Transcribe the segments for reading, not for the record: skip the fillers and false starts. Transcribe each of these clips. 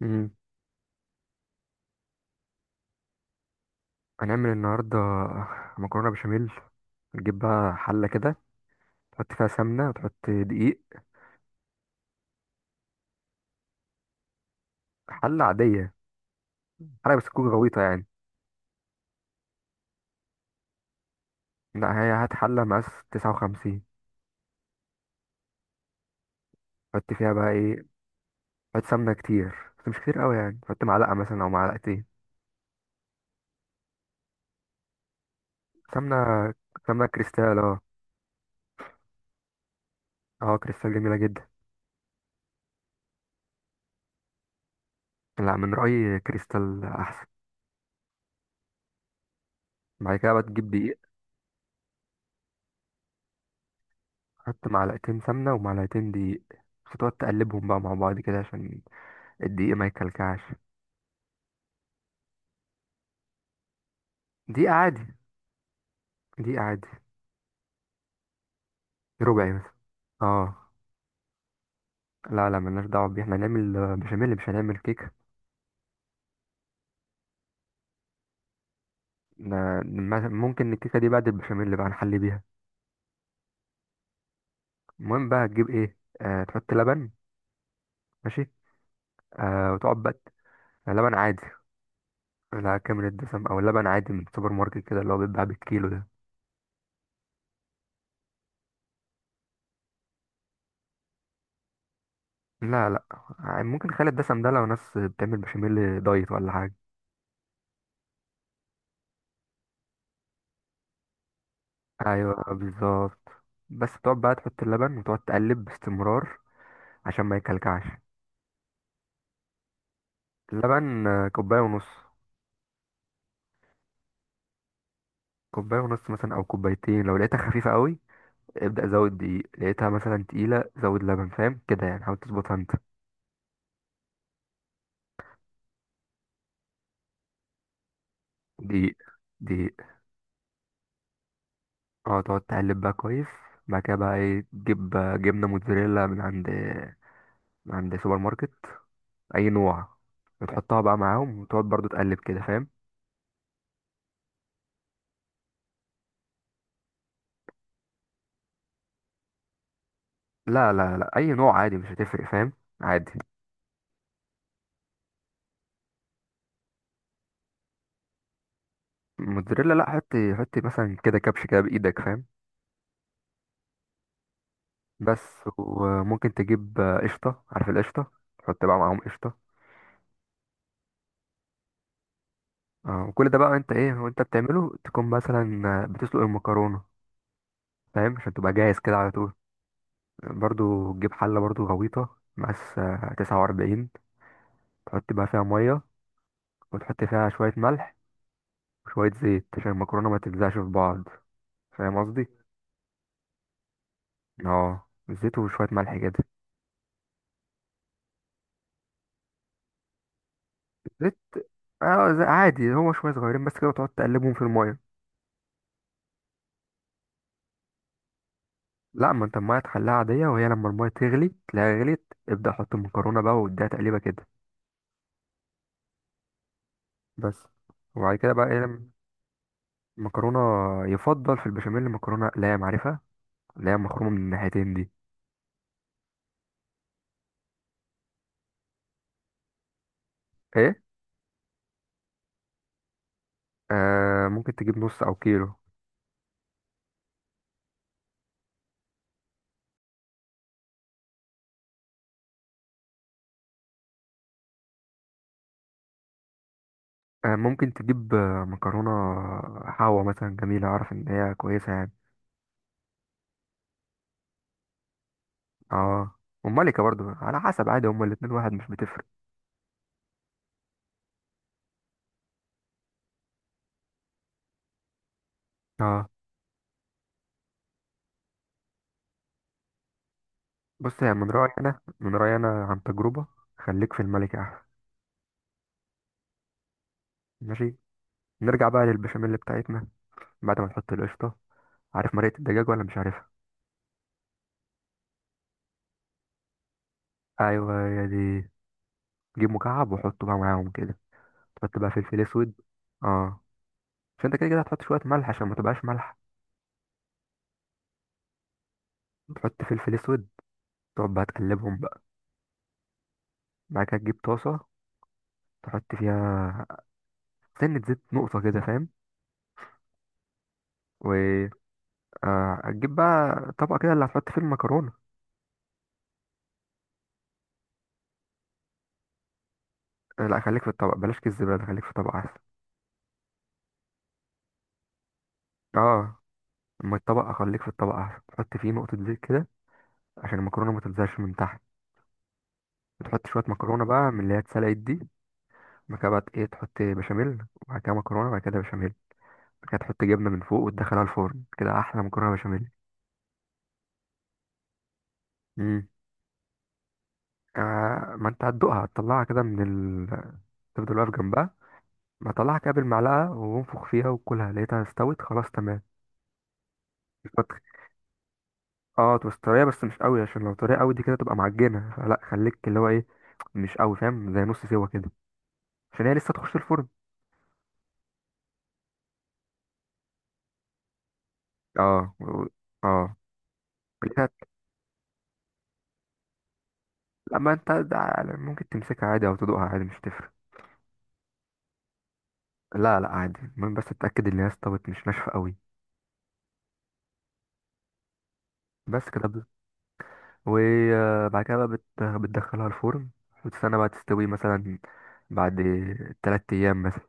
مم. هنعمل النهاردة مكرونة بشاميل. نجيب بقى حلة كده تحط فيها سمنة وتحط دقيق. حلة عادية، حلة بس تكون غويطة يعني. لا، هي هات حلة مقاس تسعة وخمسين. حط فيها بقى ايه؟ حط سمنة كتير بس مش كتير قوي، يعني حط معلقة مثلا أو معلقتين سمنة. سمنة كريستال، اه. اه كريستال جميلة جدا. لا، من رأيي كريستال أحسن. بعد كده بقى تجيب دقيق. حط معلقتين سمنة ومعلقتين دقيق، بس تقعد تقلبهم بقى مع بعض كده عشان الدقيق ما يكلكعش. دقيقة عادي، دي عادي، ربعي مثلا. اه، لا لا، ملناش دعوة بيه، احنا هنعمل بشاميل مش هنعمل كيكة. ممكن الكيكة دي بعد البشاميل بقى نحلي بيها. المهم بقى هتجيب ايه؟ آه، تحط لبن. ماشي. آه وتقعد بقى لبن عادي. لا، كامل الدسم او لبن عادي من السوبر ماركت كده اللي هو بيتباع بالكيلو ده. لا لا، ممكن خالي الدسم ده لو ناس بتعمل بشاميل دايت ولا حاجة. ايوه بالظبط. بس تقعد بقى تحط اللبن وتقعد تقلب باستمرار عشان ما يكلكعش. اللبن كوباية ونص. كوبايه ونص مثلا او كوبايتين لو لقيتها خفيفه قوي. ابدا زود دقيق، لقيتها مثلا تقيله زود لبن، فاهم كده يعني، حاول تظبطها انت. دقيق. دقيق اه تقعد تقلب بقى كويس. بعد كده بقى ايه؟ تجيب جبنه موتزاريلا من عند من عند سوبر ماركت، اي نوع، وتحطها بقى معاهم وتقعد برضو تقلب كده، فاهم. لا لا لا، اي نوع عادي، مش هتفرق، فاهم، عادي. موتزاريلا، لا حط، حط مثلا كده كبش كده بايدك، فاهم. بس. وممكن تجيب قشطه، عارف القشطه، تحط بقى معاهم قشطه. اه. وكل ده بقى انت ايه وانت بتعمله، تكون مثلا بتسلق المكرونه، فاهم، عشان تبقى جاهز كده على طول. برضو تجيب حله برضو غويطه مقاس 49. تحط بقى فيها ميه وتحط فيها شويه ملح وشويه زيت عشان المكرونه ما تلزقش في بعض، فاهم قصدي. اه زيت وشويه ملح كده. زيت، اه عادي، هو شويه صغيرين بس كده وتقعد تقلبهم في الميه. لا، ما انت الميه تخليها عاديه وهي لما الميه تغلي تلاقيها غليت، ابدا حط المكرونه بقى واديها تقليبه كده. بس. وبعد كده بقى ايه؟ مكرونة. يفضل في البشاميل مكرونة لام، عارفها، اللي هي مخرومة من الناحيتين دي. ايه. آه ممكن تجيب نص او كيلو. آه ممكن تجيب مكرونة حوا مثلا جميلة، اعرف ان هي كويسة يعني. اه. وملكة برضو على حسب، عادي، هما الاتنين واحد مش بتفرق. اه. بص يعني من رأيي انا، عن تجربة، خليك في الملكة احسن. ماشي. نرجع بقى للبشاميل بتاعتنا. بعد ما نحط القشطة، عارف مرقة الدجاج ولا مش عارفها؟ ايوه هي دي. جيب مكعب وحطه بقى معاهم كده. تحط بقى فلفل اسود. اه، عشان انت كده كده هتحط شويه ملح عشان ما تبقاش مالحه. تحط فلفل اسود، تقعد بقى تقلبهم بقى. بعد كده تجيب طاسه، تحط فيها سنه زيت نقطه كده، فاهم. و هتجيب بقى طبق كده اللي هتحط فيه المكرونه. لا، خليك في الطبق، بلاش كيس زباله، خليك في طبق احسن. اه. اما الطبق اخليك في الطبق احسن، تحط فيه نقطه زيت كده عشان المكرونه ما تلزقش من تحت. تحط شويه مكرونه بقى من اللي هي اتسلقت دي. بعد كده بقى ايه؟ تحط بشاميل وبعد كده مكرونه وبعد كده بشاميل، كانت تحط جبنه من فوق وتدخلها الفرن، كده احلى مكرونه بشاميل. امم. آه، ما انت هتدوقها، هتطلعها كده من ال... تفضل واقف جنبها. ما تطلعها كده بالمعلقه وانفخ فيها وكلها، لقيتها استوت خلاص تمام. الفتح. اه تبقى طريه بس مش قوي، عشان لو طريه قوي دي كده تبقى معجنه، فلا خليك اللي هو ايه، مش قوي، فاهم، زي نص سوا كده، عشان هي لسه تخش الفرن. اه اه لقيتها. لما انت ممكن تمسكها عادي او تدوقها عادي، مش تفرق. لا لا، عادي، المهم بس تتاكد ان هي استوت مش ناشفه قوي. بس كده. وبعد كده بقى بتدخلها الفرن وتستنى بقى تستوي مثلا بعد تلات أيام مثلا.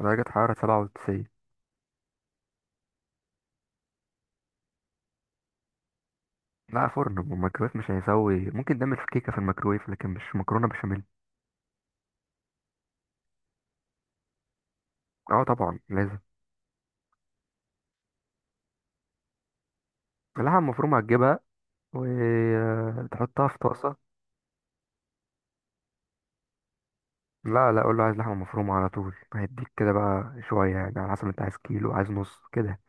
على درجة حرارة سبعة وتسعين. لا، فرن، والميكرويف مش هيسوي، ممكن تعمل في كيكة في الميكرويف لكن مش مكرونة بشاميل. اه طبعا لازم. اللحمة المفرومة هتجيبها وتحطها في طاسة. لا لا، قول له عايز لحمة مفرومة، على طول هيديك كده بقى شوية، يعني على حسب انت عايز كيلو عايز نص كده.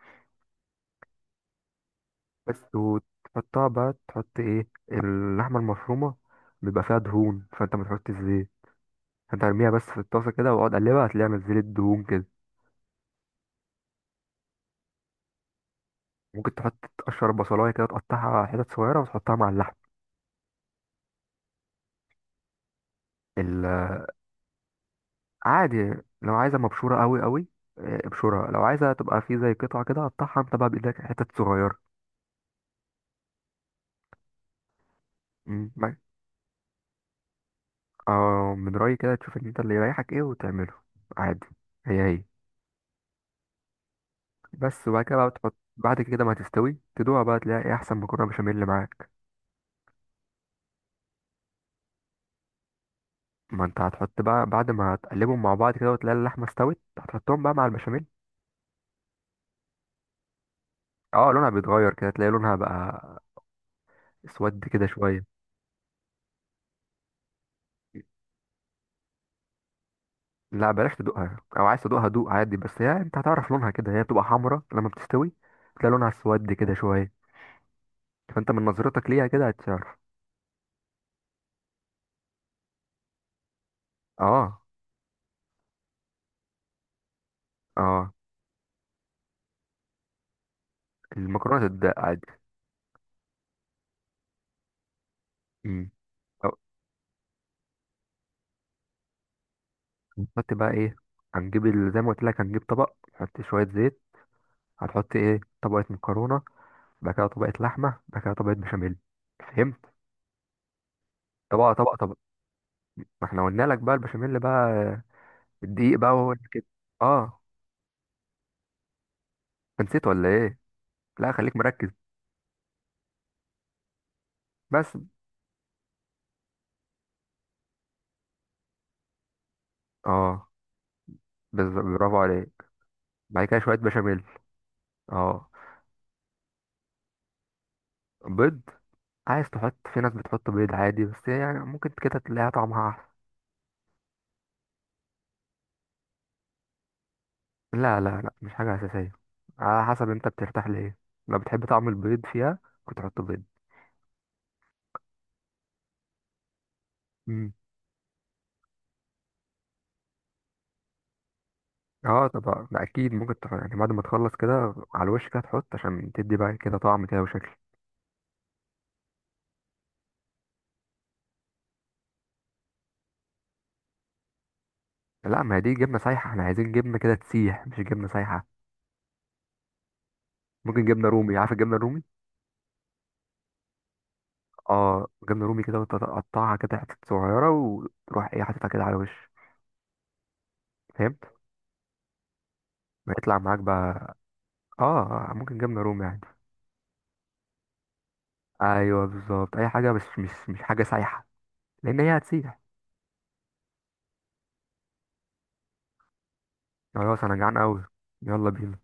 بس. وتحطها بقى، تحط ايه، اللحمة المفرومة بيبقى فيها دهون، فانت ما تحطش زيت، انت ارميها بس في الطاسه كده واقعد اقلبها، هتلاقيها نزلت دهون كده. ممكن تحط تقشر بصلايه كده تقطعها حتت صغيره وتحطها مع اللحم. ال- عادي. لو عايزه مبشوره قوي قوي، اه، ابشرها. لو عايزه تبقى في زي قطعه كده قطعها انت بقى بايدك حتت صغيره. مم، ما- اه من رايي كده تشوف ان انت اللي يريحك ايه وتعمله، عادي، هي هي. بس. وبعد كده بقى بتحط، بعد كده ما تستوي تدوها بقى، تلاقي ايه احسن مكرونه بشاميل اللي معاك. ما انت هتحط بقى بعد ما هتقلبهم مع بعض كده وتلاقي اللحمه استوت هتحطهم بقى مع البشاميل. اه لونها بيتغير كده، تلاقي لونها بقى اسود كده شويه. لا بلاش تدوقها، او عايز تدوقها دوق عادي، بس هي انت هتعرف لونها كده، هي بتبقى حمرا لما بتستوي، تلاقي لونها اسود كده شويه، فانت من نظرتك ليها كده هتعرف. اه. اه. المكرونه تتدق عادي. امم. أو- هنحط بقى ايه؟ هنجيب زي ما قلت لك، هنجيب طبق هتحط شويه زيت، هتحط ايه، طبقه مكرونه، بعد كده طبقه لحمه، بعد كده طبقه بشاميل، فهمت. طبقه طبقه طبقه. ما احنا قلنا لك بقى البشاميل بقى، الدقيق بقى هو اللي كده. اه. أنت نسيت ولا ايه؟ لا خليك مركز. بس. اه. برافو عليك. بعد كده شويه بشاميل. اه بيض. عايز تحط، في ناس بتحط بيض عادي، بس هي يعني ممكن كده تلاقيها طعمها احسن. لا لا لا، مش حاجه اساسيه، على حسب انت بترتاح لايه، لو بتحب طعم البيض فيها كنت تحط بيض. امم. اه طبعا ده اكيد، ممكن يعني بعد ما تخلص كده على الوش كده تحط عشان تدي بقى كده طعم كده وشكل. لا، ما هي دي جبنه سايحه، احنا عايزين جبنه كده تسيح مش جبنه سايحه. ممكن جبنه رومي، عارف الجبنه الرومي. اه جبنه رومي كده، وتقطعها كده حتت صغيره وتروح ايه حاططها كده على وش. فهمت. هيطلع معاك بقى. اه. ممكن جبنه رومي عادي. ايوه بالظبط، اي حاجه بس مش مش حاجه سايحه لان هي هتسيح. خلاص انا جعان قوي. يلا بينا.